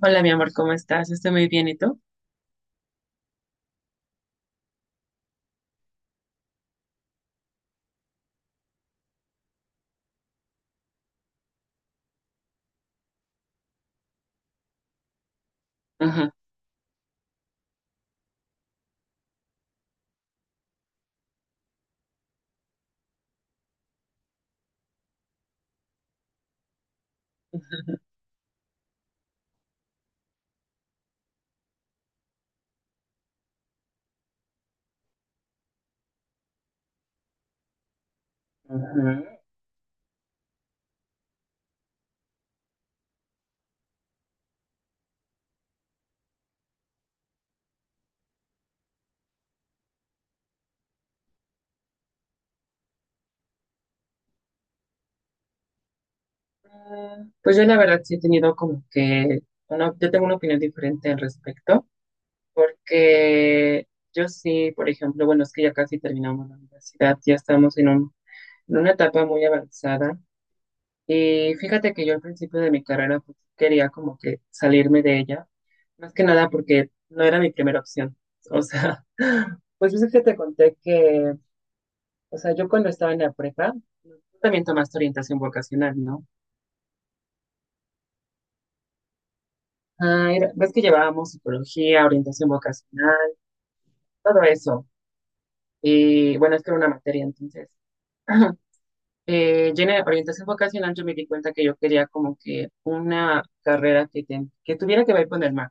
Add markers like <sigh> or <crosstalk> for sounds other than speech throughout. Hola, mi amor, ¿cómo estás? Estoy muy bien, ¿y tú? Ujú. Ujú. Mm. Pues yo la verdad sí he tenido como que una, yo tengo una opinión diferente al respecto, porque yo sí, por ejemplo, bueno, es que ya casi terminamos la universidad, ya estamos en en una etapa muy avanzada y fíjate que yo al principio de mi carrera, pues, quería como que salirme de ella, más que nada porque no era mi primera opción, o sea, <laughs> pues yo sé que te conté que... O sea, yo cuando estaba en la prepa, tú también tomaste orientación vocacional, ¿no? Ah, ves que llevábamos psicología, orientación vocacional, todo eso. Y bueno, es que era una materia, entonces. <clears throat> Yo en la orientación vocacional yo me di cuenta que yo quería como que una carrera que, que tuviera que ver con el mar.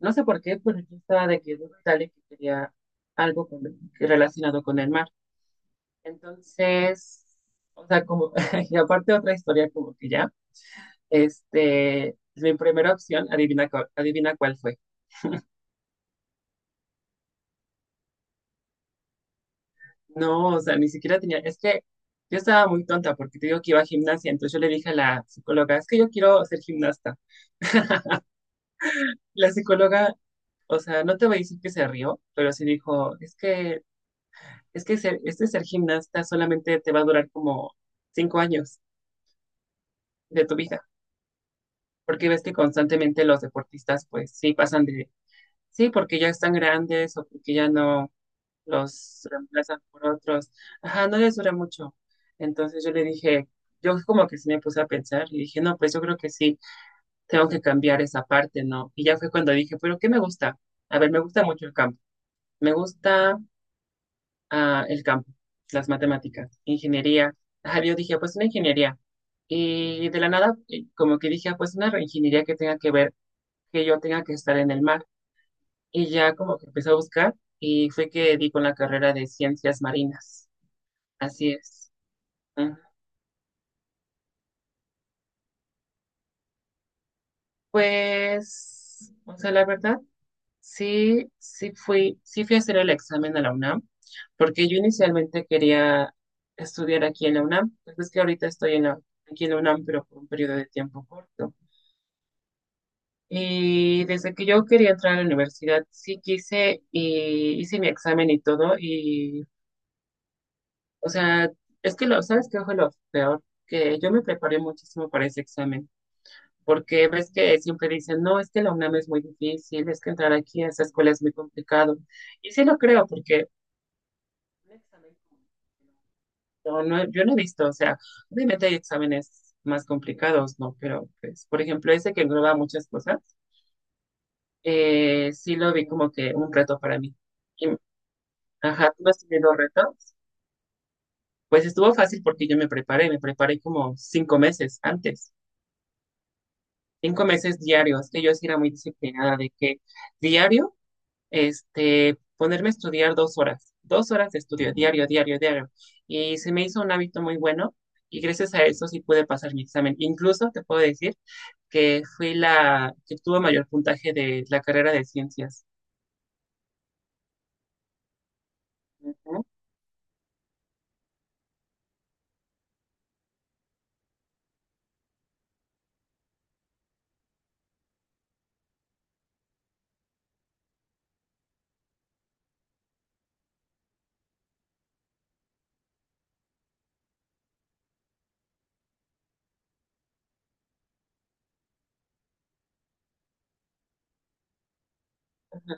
No sé por qué, pero yo estaba de que duda y tal y que quería algo con- relacionado con el mar. Entonces, o sea, como, <laughs> y aparte otra historia como que ya. Este, mi primera opción, adivina, adivina cuál fue. No, o sea, ni siquiera tenía, es que yo estaba muy tonta porque te digo que iba a gimnasia, entonces yo le dije a la psicóloga, es que yo quiero ser gimnasta. La psicóloga, o sea, no te voy a decir que se rió, pero sí dijo, es que, es que ser gimnasta solamente te va a durar como 5 años de tu vida, porque ves que constantemente los deportistas, pues sí, pasan de, sí, porque ya están grandes o porque ya no los reemplazan por otros. Ajá, no les dura mucho. Entonces yo le dije, yo como que sí me puse a pensar y dije, no, pues yo creo que sí, tengo que cambiar esa parte, ¿no? Y ya fue cuando dije, pero ¿qué me gusta? A ver, me gusta mucho el campo. Me gusta, el campo, las matemáticas, ingeniería. Ajá, yo dije, pues una ingeniería. Y de la nada, como que dije, ah, pues una ingeniería que tenga que ver, que yo tenga que estar en el mar. Y ya como que empecé a buscar y fue que di con la carrera de ciencias marinas. Así es. Ajá. Pues, o sea, la verdad, sí fui a hacer el examen a la UNAM, porque yo inicialmente quería estudiar aquí en la UNAM, pues es que ahorita estoy en la, aquí en la UNAM, pero por un periodo de tiempo corto. Y desde que yo quería entrar a la universidad, sí quise y hice mi examen y todo, y, o sea, es que lo, ¿sabes qué fue lo peor? Que yo me preparé muchísimo para ese examen, porque ves que siempre dicen, no, es que la UNAM es muy difícil, es que entrar aquí a esa escuela es muy complicado. Y sí lo creo, porque un examen no, yo no he visto, o sea, obviamente hay exámenes más complicados, ¿no? Pero, pues, por ejemplo, ese que engloba muchas cosas, sí lo vi como que un reto para mí. Y ajá, ¿tú has tenido retos? Pues estuvo fácil porque yo me preparé como 5 meses antes, 5 meses diarios, que yo sí era muy disciplinada, de que diario, este, ponerme a estudiar 2 horas, 2 horas de estudio, diario, diario, diario. Y se me hizo un hábito muy bueno y gracias a eso sí pude pasar mi examen. Incluso te puedo decir que fui la que tuvo mayor puntaje de la carrera de ciencias. Ujú, ujú,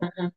ujú.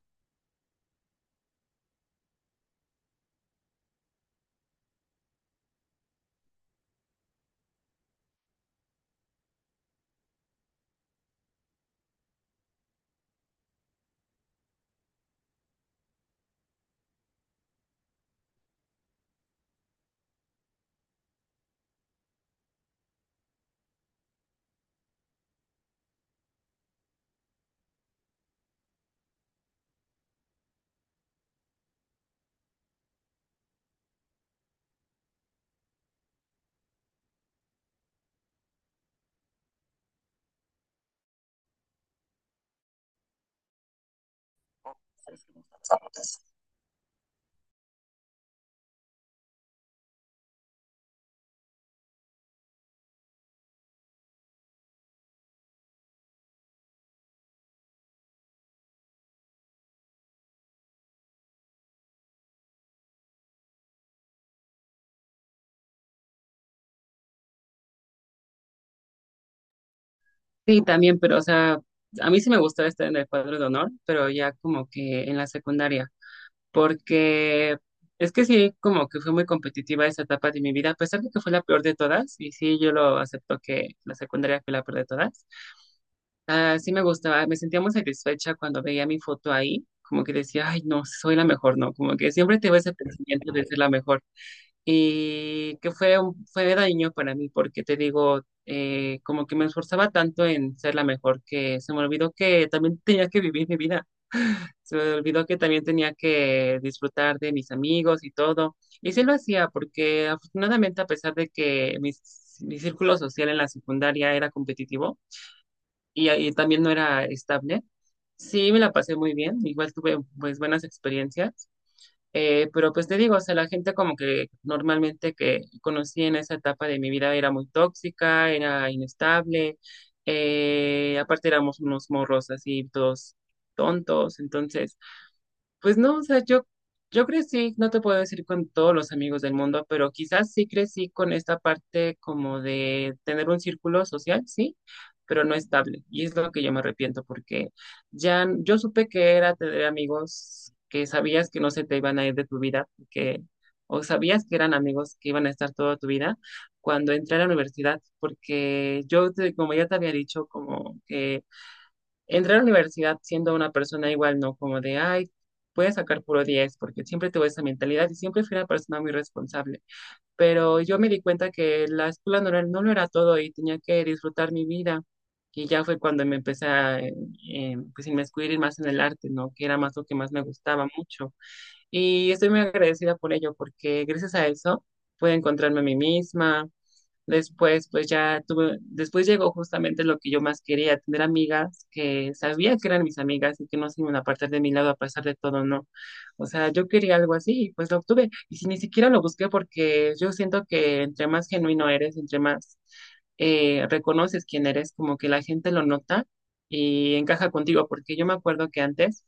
Sí, también, pero o sea, a mí sí me gustaba estar en el cuadro de honor, pero ya como que en la secundaria, porque es que sí, como que fue muy competitiva esa etapa de mi vida, a pesar de que fue la peor de todas, y sí, yo lo acepto que la secundaria fue la peor de todas. Ah, sí me gustaba, me sentía muy satisfecha cuando veía mi foto ahí, como que decía, ay, no, soy la mejor, no, como que siempre tengo ese pensamiento de ser la mejor. Y que fue, fue daño para mí, porque te digo, como que me esforzaba tanto en ser la mejor que se me olvidó que también tenía que vivir mi vida. Se me olvidó que también tenía que disfrutar de mis amigos y todo. Y sí lo hacía porque afortunadamente a pesar de que mi círculo social en la secundaria era competitivo y también no era estable, sí me la pasé muy bien. Igual tuve pues buenas experiencias. Pero pues te digo, o sea, la gente como que normalmente que conocí en esa etapa de mi vida era muy tóxica, era inestable. Aparte éramos unos morros así, todos tontos. Entonces... Pues no, o sea, yo crecí, no te puedo decir con todos los amigos del mundo, pero quizás sí crecí con esta parte como de tener un círculo social, sí, pero no estable. Y es lo que yo me arrepiento porque yo supe que era tener amigos que sabías que no se te iban a ir de tu vida, porque o sabías que eran amigos que iban a estar toda tu vida cuando entré a la universidad, porque yo, como ya te había dicho, como que entré a la universidad siendo una persona igual, ¿no? Como de, ay, voy a sacar puro 10 porque siempre tuve esa mentalidad y siempre fui una persona muy responsable. Pero yo me di cuenta que la escuela no, no lo era todo y tenía que disfrutar mi vida. Y ya fue cuando me empecé a, pues, inmiscuir más en el arte, ¿no? Que era más lo que más me gustaba mucho. Y estoy muy agradecida por ello, porque gracias a eso pude encontrarme a mí misma. Después, pues ya tuve, después llegó justamente lo que yo más quería, tener amigas que sabía que eran mis amigas y que no se iban a apartar de mi lado a pesar de todo, no. O sea, yo quería algo así y pues lo obtuve. Y si ni siquiera lo busqué porque yo siento que entre más genuino eres, entre más reconoces quién eres, como que la gente lo nota y encaja contigo, porque yo me acuerdo que antes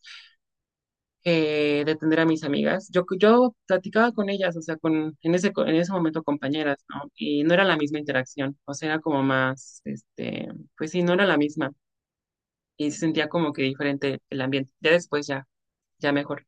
de atender a mis amigas. Yo platicaba con ellas, o sea, con, en ese momento compañeras, ¿no? Y no era la misma interacción, o sea, era como más, este, pues sí, no era la misma. Y se sentía como que diferente el ambiente. Ya después, ya, ya mejor.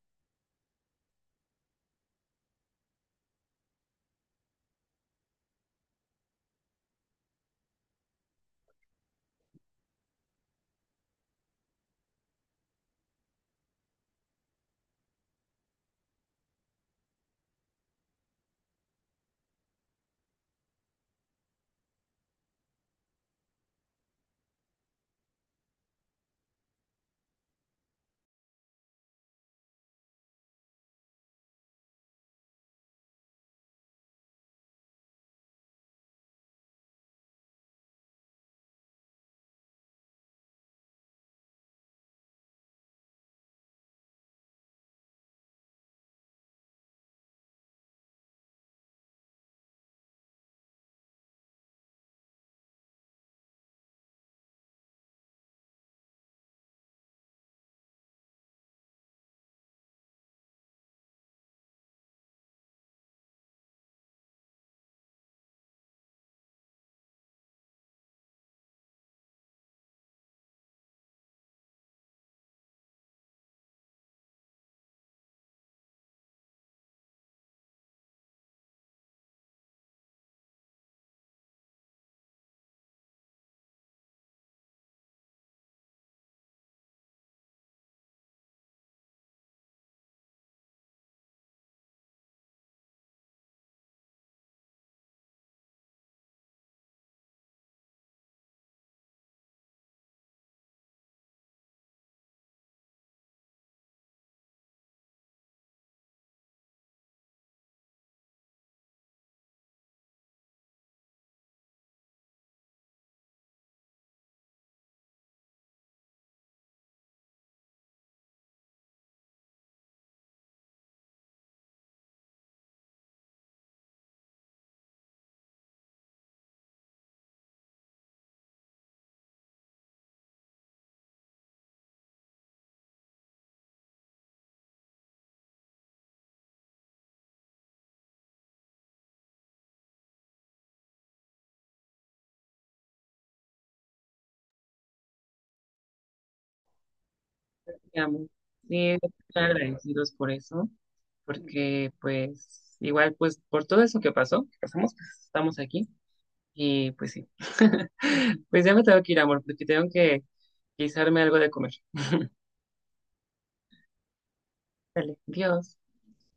Ya, sí, están agradecidos por eso, porque pues igual, pues por todo eso que pasó, que pasamos, pues estamos aquí. Y pues sí, <laughs> pues ya me tengo que ir, amor, porque tengo que guisarme algo de comer. Dale, adiós.